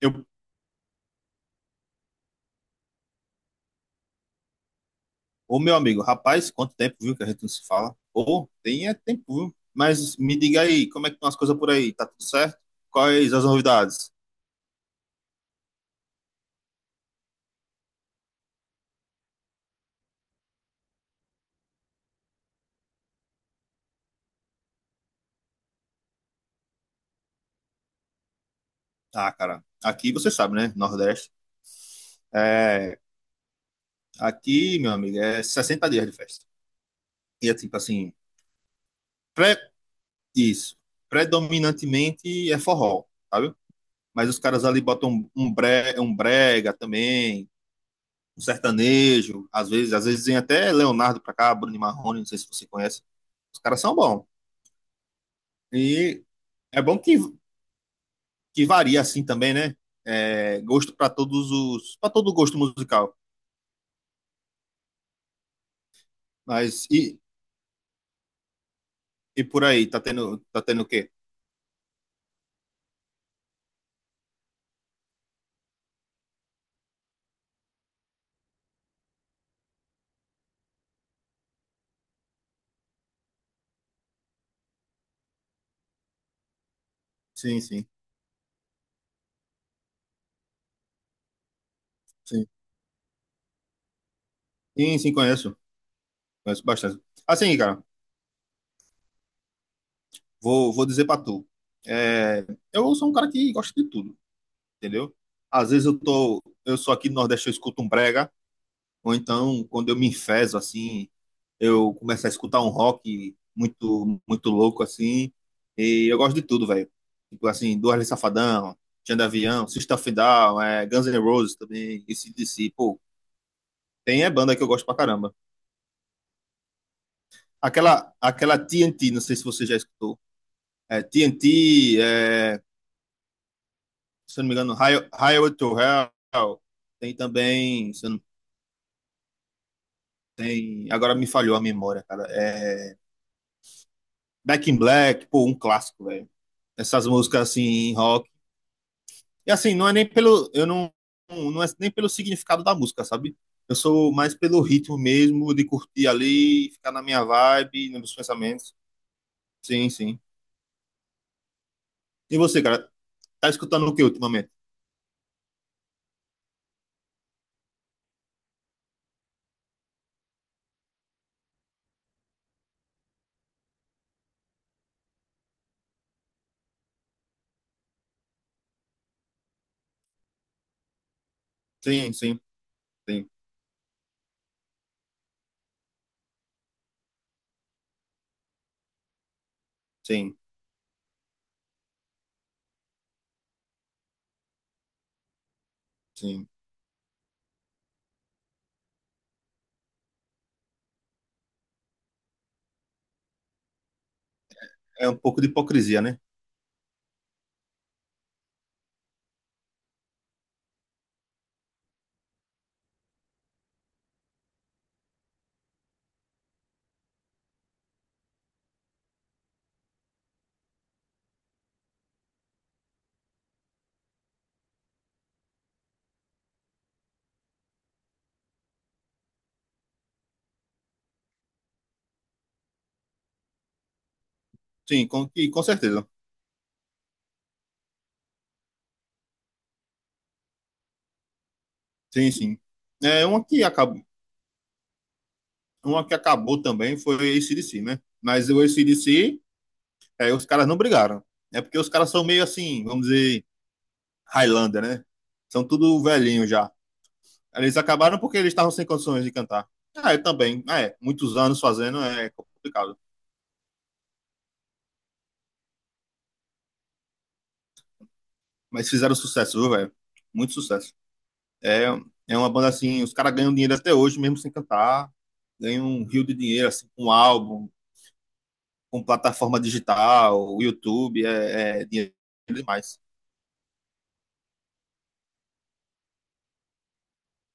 Eu, ô meu amigo, rapaz, quanto tempo, viu, que a gente não se fala? Ô, tem é tempo, viu? Mas me diga aí, como é que estão as coisas por aí? Tá tudo certo? Quais as novidades? Ah, cara, aqui você sabe, né? Nordeste. É, aqui, meu amigo, é 60 dias de festa. E é tipo assim, pré, isso, predominantemente é forró, sabe? Mas os caras ali botam um brega também, um sertanejo, às vezes vem até Leonardo pra cá, Bruno e Marrone, não sei se você conhece. Os caras são bons. E é bom que, varia assim também, né? É, gosto para todos os, para todo gosto musical. Mas e por aí, tá tendo o quê? Sim, sim, sim. Sim, sim, conheço. Conheço bastante. Assim, cara, vou dizer pra tu. É, eu sou um cara que gosta de tudo, entendeu? Às vezes eu sou aqui no Nordeste, eu escuto um brega. Ou então, quando eu me enfezo, assim, eu começo a escutar um rock muito, muito louco, assim. E eu gosto de tudo, velho. Tipo assim, do Wesley Safadão, Xand de Avião, System of a Down, é, Guns N' Roses também, AC/DC. Pô, tem é banda que eu gosto pra caramba. Aquela, aquela TNT, não sei se você já escutou. É, TNT, é, se eu não me engano, Highway to Hell. Tem também, se eu não, tem, agora me falhou a memória, cara. É, Back in Black, pô, um clássico, velho. Essas músicas assim, rock. E assim, não é nem pelo. Eu não. Não é nem pelo significado da música, sabe? Eu sou mais pelo ritmo mesmo, de curtir ali, ficar na minha vibe, nos meus pensamentos. Sim, sim. E você, cara, tá escutando o que ultimamente? Sim, sim, sim, sim, sim. É um pouco de hipocrisia, né? Sim, e com certeza. Sim, sim. É, uma que acabou também foi o AC/DC, né? Mas o AC/DC, os caras não brigaram. É porque os caras são meio assim, vamos dizer, Highlander, né? São tudo velhinho já. Eles acabaram porque eles estavam sem condições de cantar. Ah, eu também. Ah, é, muitos anos fazendo é complicado. Mas fizeram sucesso, viu, velho? Muito sucesso. É, é uma banda assim, os caras ganham dinheiro até hoje, mesmo sem cantar. Ganham um rio de dinheiro, assim, com álbum, com plataforma digital, YouTube, é, é dinheiro demais.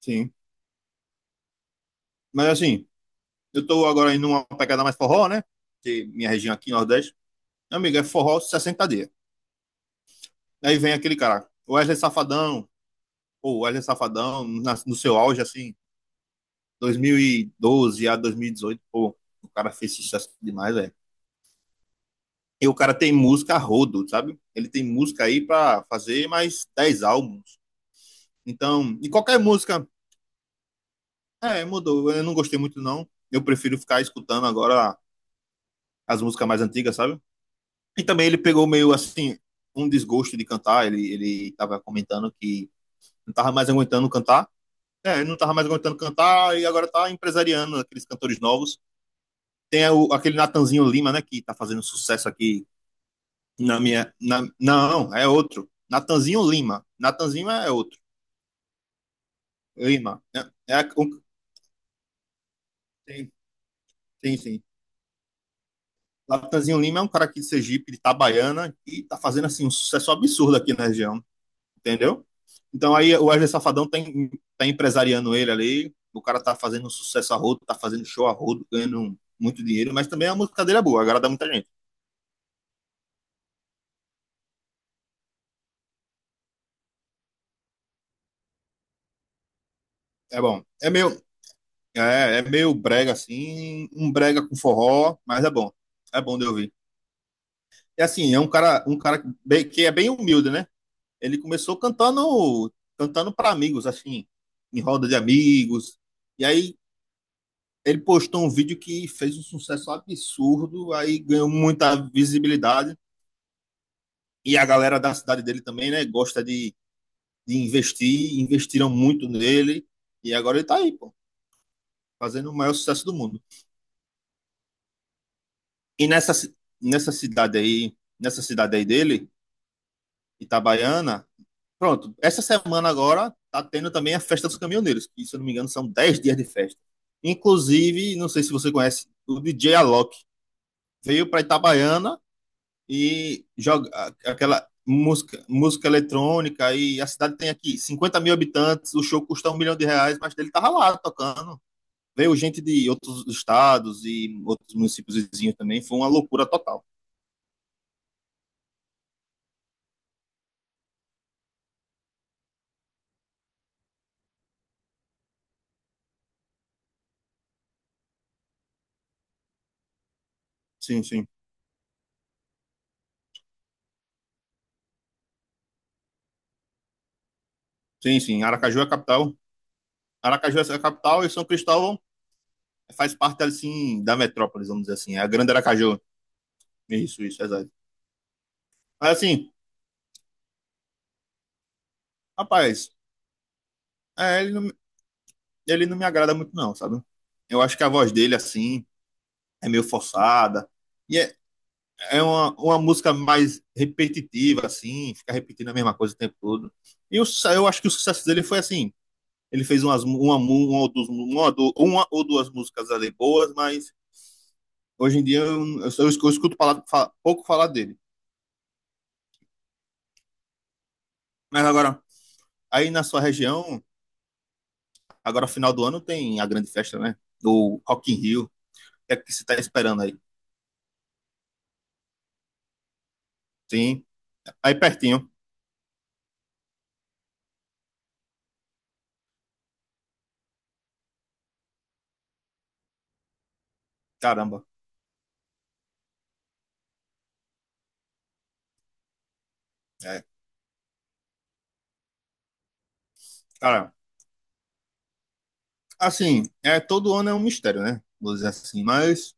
Sim. Mas assim, eu tô agora indo numa pegada mais forró, né? Que minha região aqui, Nordeste. Meu amigo, é forró 60 dias. Aí vem aquele cara, o Wesley Safadão, pô, o Wesley Safadão, no seu auge, assim, 2012 a 2018, pô, o cara fez sucesso demais, velho. E o cara tem música a rodo, sabe? Ele tem música aí pra fazer mais 10 álbuns. Então, e qualquer música, é, mudou. Eu não gostei muito, não. Eu prefiro ficar escutando agora as músicas mais antigas, sabe? E também ele pegou meio assim, um desgosto de cantar. Ele tava comentando que não tava mais aguentando cantar. É, não tava mais aguentando cantar e agora tá empresariando aqueles cantores novos. Tem o- aquele Natanzinho Lima, né, que tá fazendo sucesso aqui não, é outro. Natanzinho Lima. Natanzinho é outro. Lima. É, é um, tem, tem, sim. Natanzinho Lima é um cara aqui de Sergipe, de Itabaiana, e tá fazendo assim um sucesso absurdo aqui na região, entendeu? Então aí o Wesley Safadão tá, tá empresariando ele ali. O cara tá fazendo sucesso a rodo, tá fazendo show a rodo, ganhando muito dinheiro, mas também a música dele é boa, agrada muita gente. É bom. É meio, é, é meio brega assim, um brega com forró, mas é bom. É bom de ouvir. E assim, é um cara que é bem humilde, né? Ele começou cantando, cantando para amigos, assim, em roda de amigos. E aí ele postou um vídeo que fez um sucesso absurdo, aí ganhou muita visibilidade. E a galera da cidade dele também, né? Gosta de investir, investiram muito nele. E agora ele tá aí, pô, fazendo o maior sucesso do mundo. E nessa, ci- nessa cidade aí dele, Itabaiana, pronto, essa semana agora tá tendo também a Festa dos Caminhoneiros, que se eu não me engano são 10 dias de festa. Inclusive, não sei se você conhece, o DJ Alok veio para Itabaiana e joga aquela música, música eletrônica e a cidade tem aqui 50 mil habitantes, o show custa 1 milhão de reais, mas ele tava lá tocando. Veio gente de outros estados e outros municípios vizinhos também, foi uma loucura total. Sim, sim. Sim, sim. Aracaju é a capital. Aracaju é a capital e São Cristóvão faz parte, assim, da metrópole, vamos dizer assim. É a grande Aracaju. Isso, exato. Mas, assim, rapaz, é, ele não me agrada muito, não, sabe? Eu acho que a voz dele, assim, é meio forçada. E é, é uma música mais repetitiva, assim, fica repetindo a mesma coisa o tempo todo. Eu acho que o sucesso dele foi assim. Ele fez uma ou duas músicas ali boas, mas hoje em dia eu escuto pouco falar dele. Mas agora, aí na sua região, agora final do ano tem a grande festa, né? Do Rock in Rio. O que é que você tá esperando aí? Sim, aí pertinho. Caramba. É. Cara, assim, é, todo ano é um mistério, né? Vou dizer assim, mas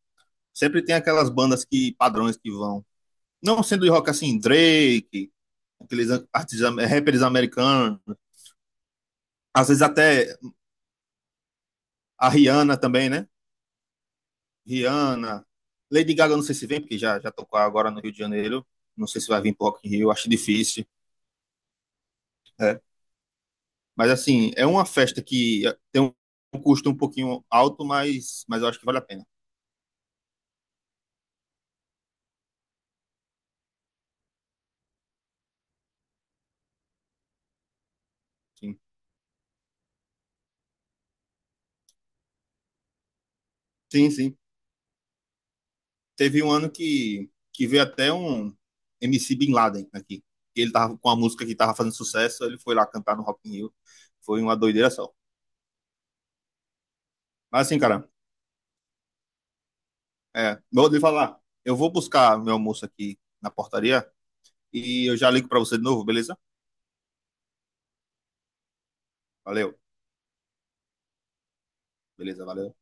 sempre tem aquelas bandas que, padrões que vão. Não sendo de rock assim, Drake, aqueles artistas, é, rappers americanos, às vezes até a Rihanna também, né? Rihanna, Lady Gaga, não sei se vem, porque já, tocou agora no Rio de Janeiro. Não sei se vai vir pro Rock in Rio, acho difícil. É. Mas, assim, é uma festa que tem um custo um pouquinho alto, mas eu acho que vale a pena. Sim, sim. Sim. Teve um ano que veio até um MC Bin Laden aqui. Ele tava com a música que tava fazendo sucesso, ele foi lá cantar no Rock in Rio. Foi uma doideira só. Mas, assim, cara, é, vou lhe falar. Eu vou buscar meu almoço aqui na portaria e eu já ligo para você de novo, beleza? Valeu. Beleza, valeu.